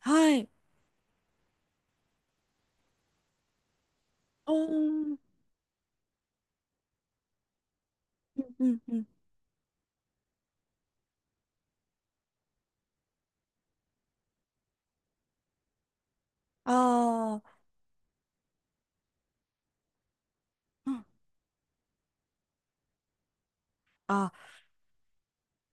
はい。おーん。うんうんうん。ああ、うん。あ、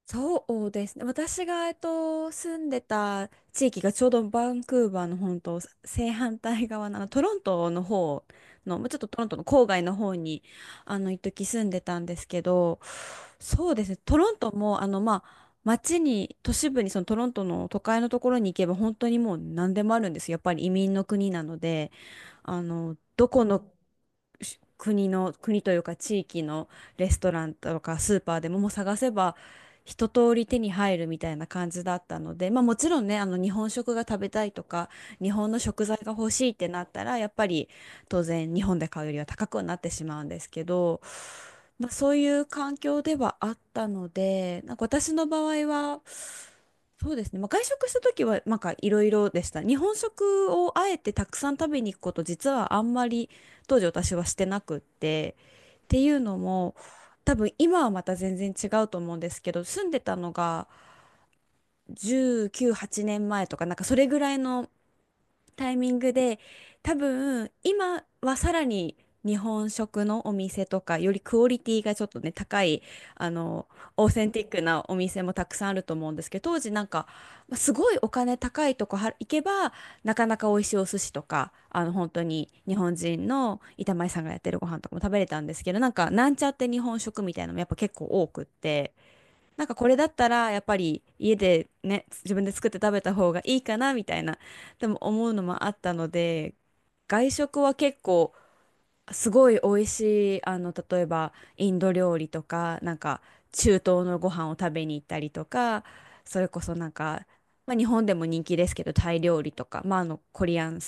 そうですね。私が、住んでた地域がちょうどバンクーバーの本当正反対側の、あのトロントの方の、もうちょっとトロントの郊外の方に、あの、一時住んでたんですけど、そうですね。トロントも、あの、まあ、街に、都市部に、そのトロントの都会のところに行けば、本当にもう何でもあるんですよ。やっぱり移民の国なので。あの、どこの国の、国というか地域のレストランとかスーパーでも、もう探せば一通り手に入るみたいな感じだったので、まあ、もちろんね、あの日本食が食べたいとか、日本の食材が欲しいってなったら、やっぱり当然日本で買うよりは高くはなってしまうんですけど、まあ、そういう環境ではあったので、なんか私の場合は、そうですね、まあ、外食した時はなんかいろいろでした。日本食をあえてたくさん食べに行くこと実はあんまり当時私はしてなくって、っていうのも、多分今はまた全然違うと思うんですけど、住んでたのが19、8年前とかなんかそれぐらいのタイミングで、多分今はさらに日本食のお店とかよりクオリティがちょっとね、高い、あのオーセンティックなお店もたくさんあると思うんですけど、当時なんか、まあすごいお金高いとこは行けばなかなか美味しいお寿司とか、あの本当に日本人の板前さんがやってるご飯とかも食べれたんですけど、なんかなんちゃって日本食みたいなのもやっぱ結構多くって。なんかこれだったらやっぱり家でね、自分で作って食べた方がいいかなみたいな、でも思うのもあったので、外食は結構すごい美味しい、あの、例えばインド料理とか、なんか中東のご飯を食べに行ったりとか、それこそなんか、まあ、日本でも人気ですけどタイ料理とか、まあ、あのコリアン、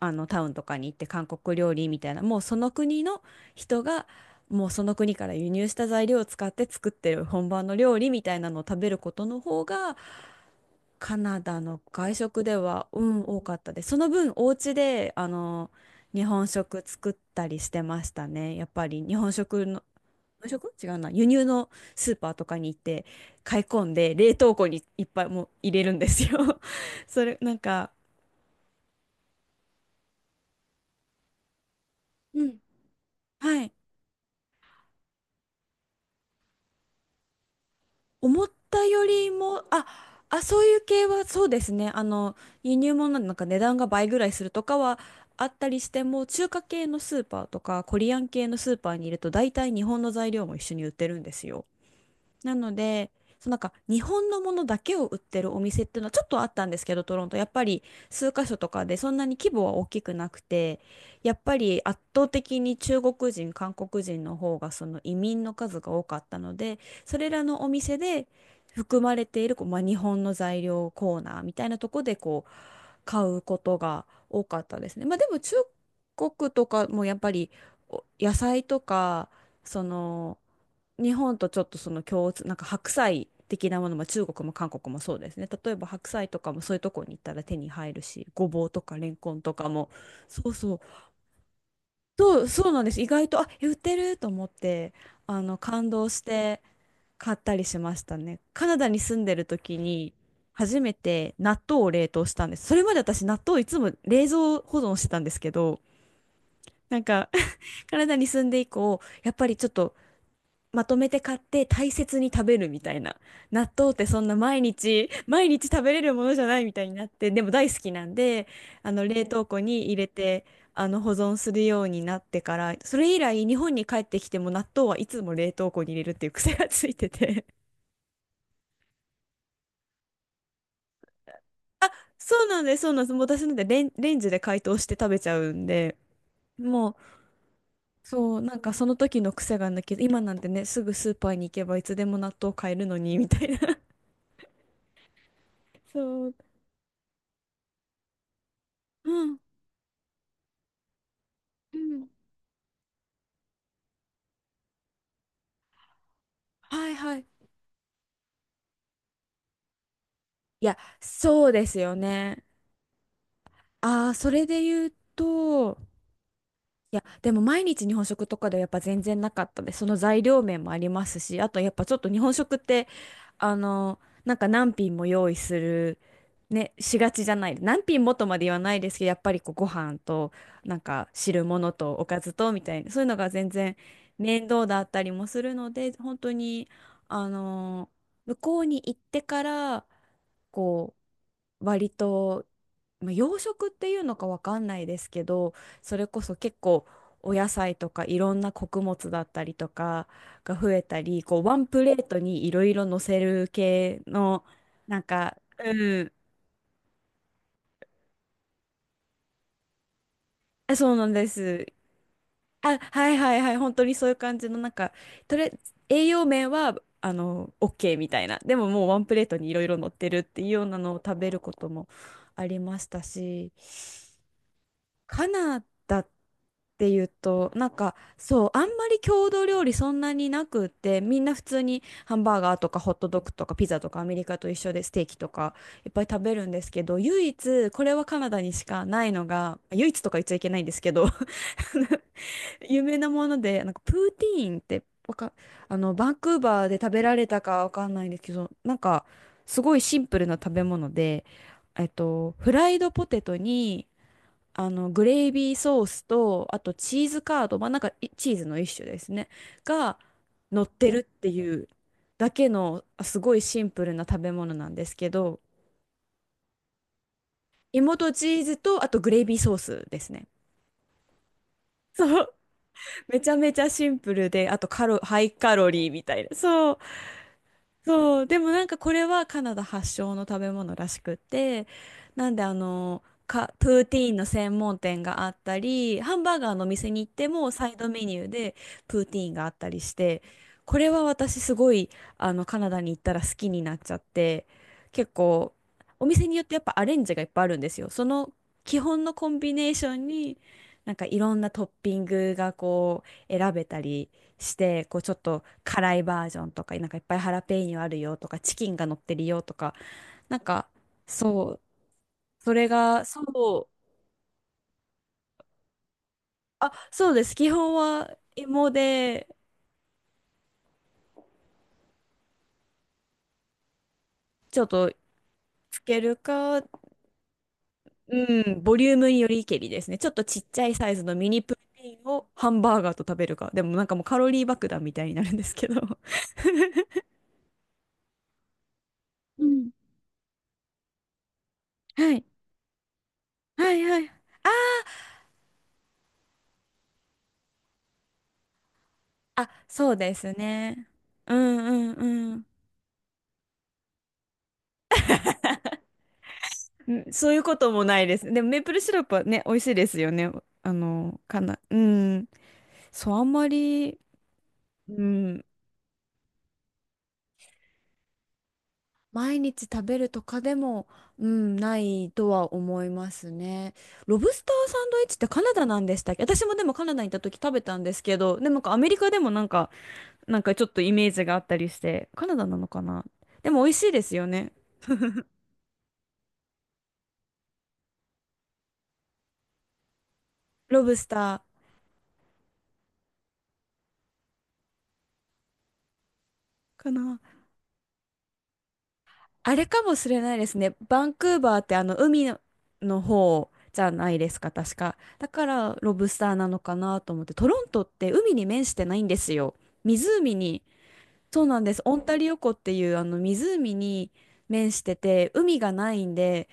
あのタウンとかに行って韓国料理みたいな、もうその国の人がもうその国から輸入した材料を使って作ってる本場の料理みたいなのを食べることの方が、カナダの外食ではうん、多かったです。その分お家であの日本食作ったりしてましたね。やっぱり日本食、違うな、輸入のスーパーとかに行って買い込んで冷凍庫にいっぱいもう入れるんですよ。 それなんか、うん、はい、思ったよりも、あ、あ、そういう系はそうですね。あの、輸入物なんでなんか値段が倍ぐらいするとかはあったりしても、中華系のスーパーとか、コリアン系のスーパーにいると、大体日本の材料も一緒に売ってるんですよ。なので、そう、なんか日本のものだけを売ってるお店っていうのはちょっとあったんですけど、トロント、やっぱり数カ所とかで、そんなに規模は大きくなくて、やっぱり圧倒的に中国人、韓国人の方がその移民の数が多かったので、それらのお店で含まれているこう、まあ、日本の材料コーナーみたいなとこで買うことが多かったですね。まあでも中国とかもやっぱりお野菜とか、その、日本とちょっとその共通、なんか白菜的なものも中国も韓国もそうですね。例えば白菜とかもそういうとこに行ったら手に入るし、ごぼうとかレンコンとかも、そうそう、そうそうなんです。意外と売ってると思って、あの感動して。買ったりしましたね。カナダに住んでる時に初めて納豆を冷凍したんです。それまで私納豆いつも冷蔵保存してたんですけど、なんか、 カナダに住んで以降、やっぱりちょっとまとめて買って大切に食べるみたいな。納豆ってそんな毎日、毎日食べれるものじゃないみたいになって、でも大好きなんで、あの冷凍庫に入れて、あの保存するようになってから、それ以来日本に帰ってきても納豆はいつも冷凍庫に入れるっていう癖がついてて、そうなんです、そうなんです。もう私なんてレンジで解凍して食べちゃうんで、もう、そう、なんかその時の癖が抜けど、今なんてね、すぐスーパーに行けばいつでも納豆買えるのに、みたいな。そう。うん。うん。はいはい。いや、そうですよね。ああ、それで言うと、いや、でも毎日日本食とかではやっぱ全然なかったです。その材料面もありますし、あとやっぱちょっと日本食って、あの、なんか何品も用意する、ね、しがちじゃない。何品もとまで言わないですけど、やっぱりこうご飯と、なんか汁物とおかずとみたいな、そういうのが全然面倒だったりもするので、本当に、あの、向こうに行ってから、こう、割と、まあ、洋食っていうのかわかんないですけど、それこそ結構お野菜とかいろんな穀物だったりとかが増えたり、こうワンプレートにいろいろ乗せる系の、なんか、うん、えそうなんです。あ、はいはいはい、本当にそういう感じの、なんか、とりあえず栄養面は、あの、OK みたいな。でももうワンプレートにいろいろ乗ってるっていうようなのを食べることもありましたし、カナダっていうと、なんか、そう、あんまり郷土料理そんなになくって、みんな普通にハンバーガーとかホットドッグとかピザとかアメリカと一緒でステーキとかいっぱい食べるんですけど、唯一、これはカナダにしかないのが、唯一とか言っちゃいけないんですけど、有名なもので、なんかプーティーンってわか、あの、バンクーバーで食べられたかわかんないんですけど、なんか、すごいシンプルな食べ物で、えっと、フライドポテトに、あの、グレイビーソースと、あとチーズカード、まあ、なんかチーズの一種ですね。が乗ってるっていうだけの、あすごいシンプルな食べ物なんですけど、芋とチーズと、あとグレイビーソースですね。そう。めちゃめちゃシンプルで、あとカロ、ハイカロリーみたいな。そう。そう、でもなんかこれはカナダ発祥の食べ物らしくって、なんで、あの、か、プーティーンの専門店があったり、ハンバーガーのお店に行ってもサイドメニューでプーティーンがあったりして、これは私すごい、あのカナダに行ったら好きになっちゃって、結構お店によってやっぱアレンジがいっぱいあるんですよ。その基本のコンビネーションになんかいろんなトッピングがこう選べたり。して、こうちょっと辛いバージョンとか、なんかいっぱいハラペーニョあるよとか、チキンが乗ってるよとか、なんか、そう、それが、そう、あ、そうです。基本は芋で、ちょっとつけるか、うん、ボリュームによりけりですね。ちょっとちっちゃいサイズのミニプルテインをハンバーガーと食べるか。でもなんかもうカロリー爆弾みたいになるんですけど。うん、はい。はいはい。あ、そうですね。うんうんうん。そういうこともないです。でもメープルシロップはね、美味しいですよね。あの、かな、うん。そう、あんまり、うん、毎日食べるとかでも、うん、ないとは思いますね。ロブスターサンドイッチってカナダなんでしたっけ？私もでもカナダに行った時食べたんですけど、でもなんかアメリカでもなんか、なんかちょっとイメージがあったりして、カナダなのかな。でも美味しいですよね。ロブスターかな。あれかもしれないですね。バンクーバーってあの海の、の方じゃないですか、確か。だからロブスターなのかなと思って。トロントって海に面してないんですよ。湖に、そうなんです。オンタリオ湖っていうあの湖に面してて、海がないんで、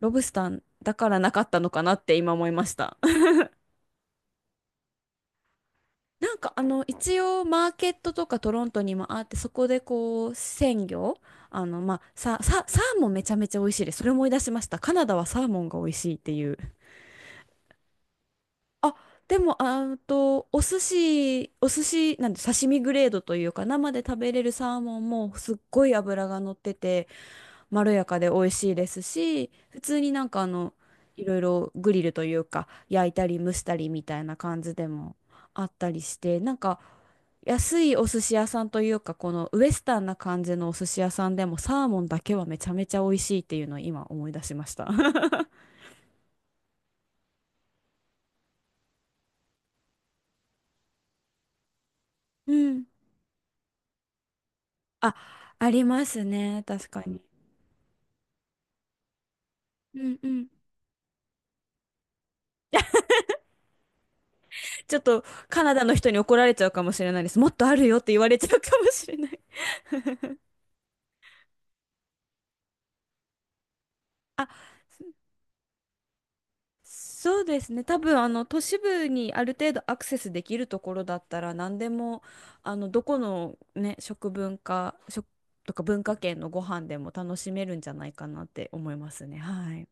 ロブスターだからなかったのかなって今思いました。なんかあの一応マーケットとかトロントにもあって、そこでこう鮮魚、あのまあサーモンめちゃめちゃ美味しいです。それ思い出しました。カナダはサーモンが美味しいっていう。あ、でもあんとお寿司、お寿司なんて刺身グレードというか、生で食べれるサーモンもすっごい脂が乗っててまろやかで美味しいですし、普通になんかあの、いろいろグリルというか、焼いたり蒸したりみたいな感じでもあったりして、なんか安いお寿司屋さんというか、このウエスタンな感じのお寿司屋さんでもサーモンだけはめちゃめちゃ美味しいっていうのを今思い出しました。うん。あ、ありますね。確かに。うんうん。ちょっとカナダの人に怒られちゃうかもしれないです。もっとあるよって言われちゃうかもしれない。あ、そうですね。多分、あの、都市部にある程度アクセスできるところだったら、何でも、あの、どこのね、食文化、食とか文化圏のご飯でも楽しめるんじゃないかなって思いますね。はい。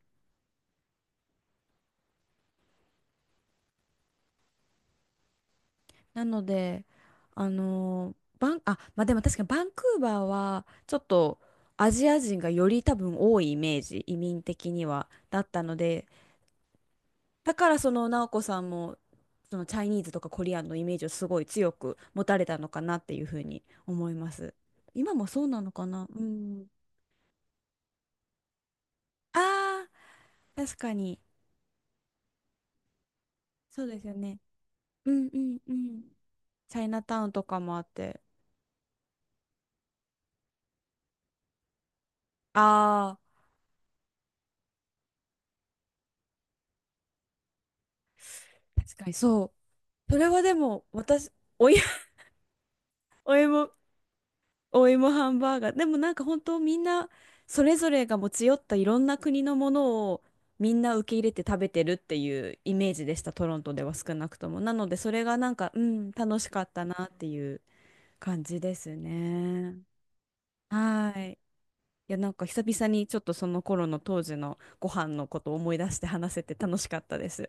なので、あの、バン、あ、まあ、でも確かにバンクーバーは、ちょっとアジア人がより多分多いイメージ、移民的には、だったので、だからその直子さんもそのチャイニーズとかコリアンのイメージをすごい強く持たれたのかなっていうふうに思います。今もそうなのかな、うん。ああ、確かに。そうですよね。うんうんうん。チャイナタウンとかもあって。ああ、確かにそう。それはでも私、おい、おいも、お芋ハンバーガー。でもなんか本当みんなそれぞれが持ち寄ったいろんな国のものをみんな受け入れて食べてるっていうイメージでした、トロントでは少なくとも。なのでそれがなんか、うん、楽しかったなっていう感じですね。はい。いやなんか久々にちょっとその頃の当時のご飯のことを思い出して話せて楽しかったです。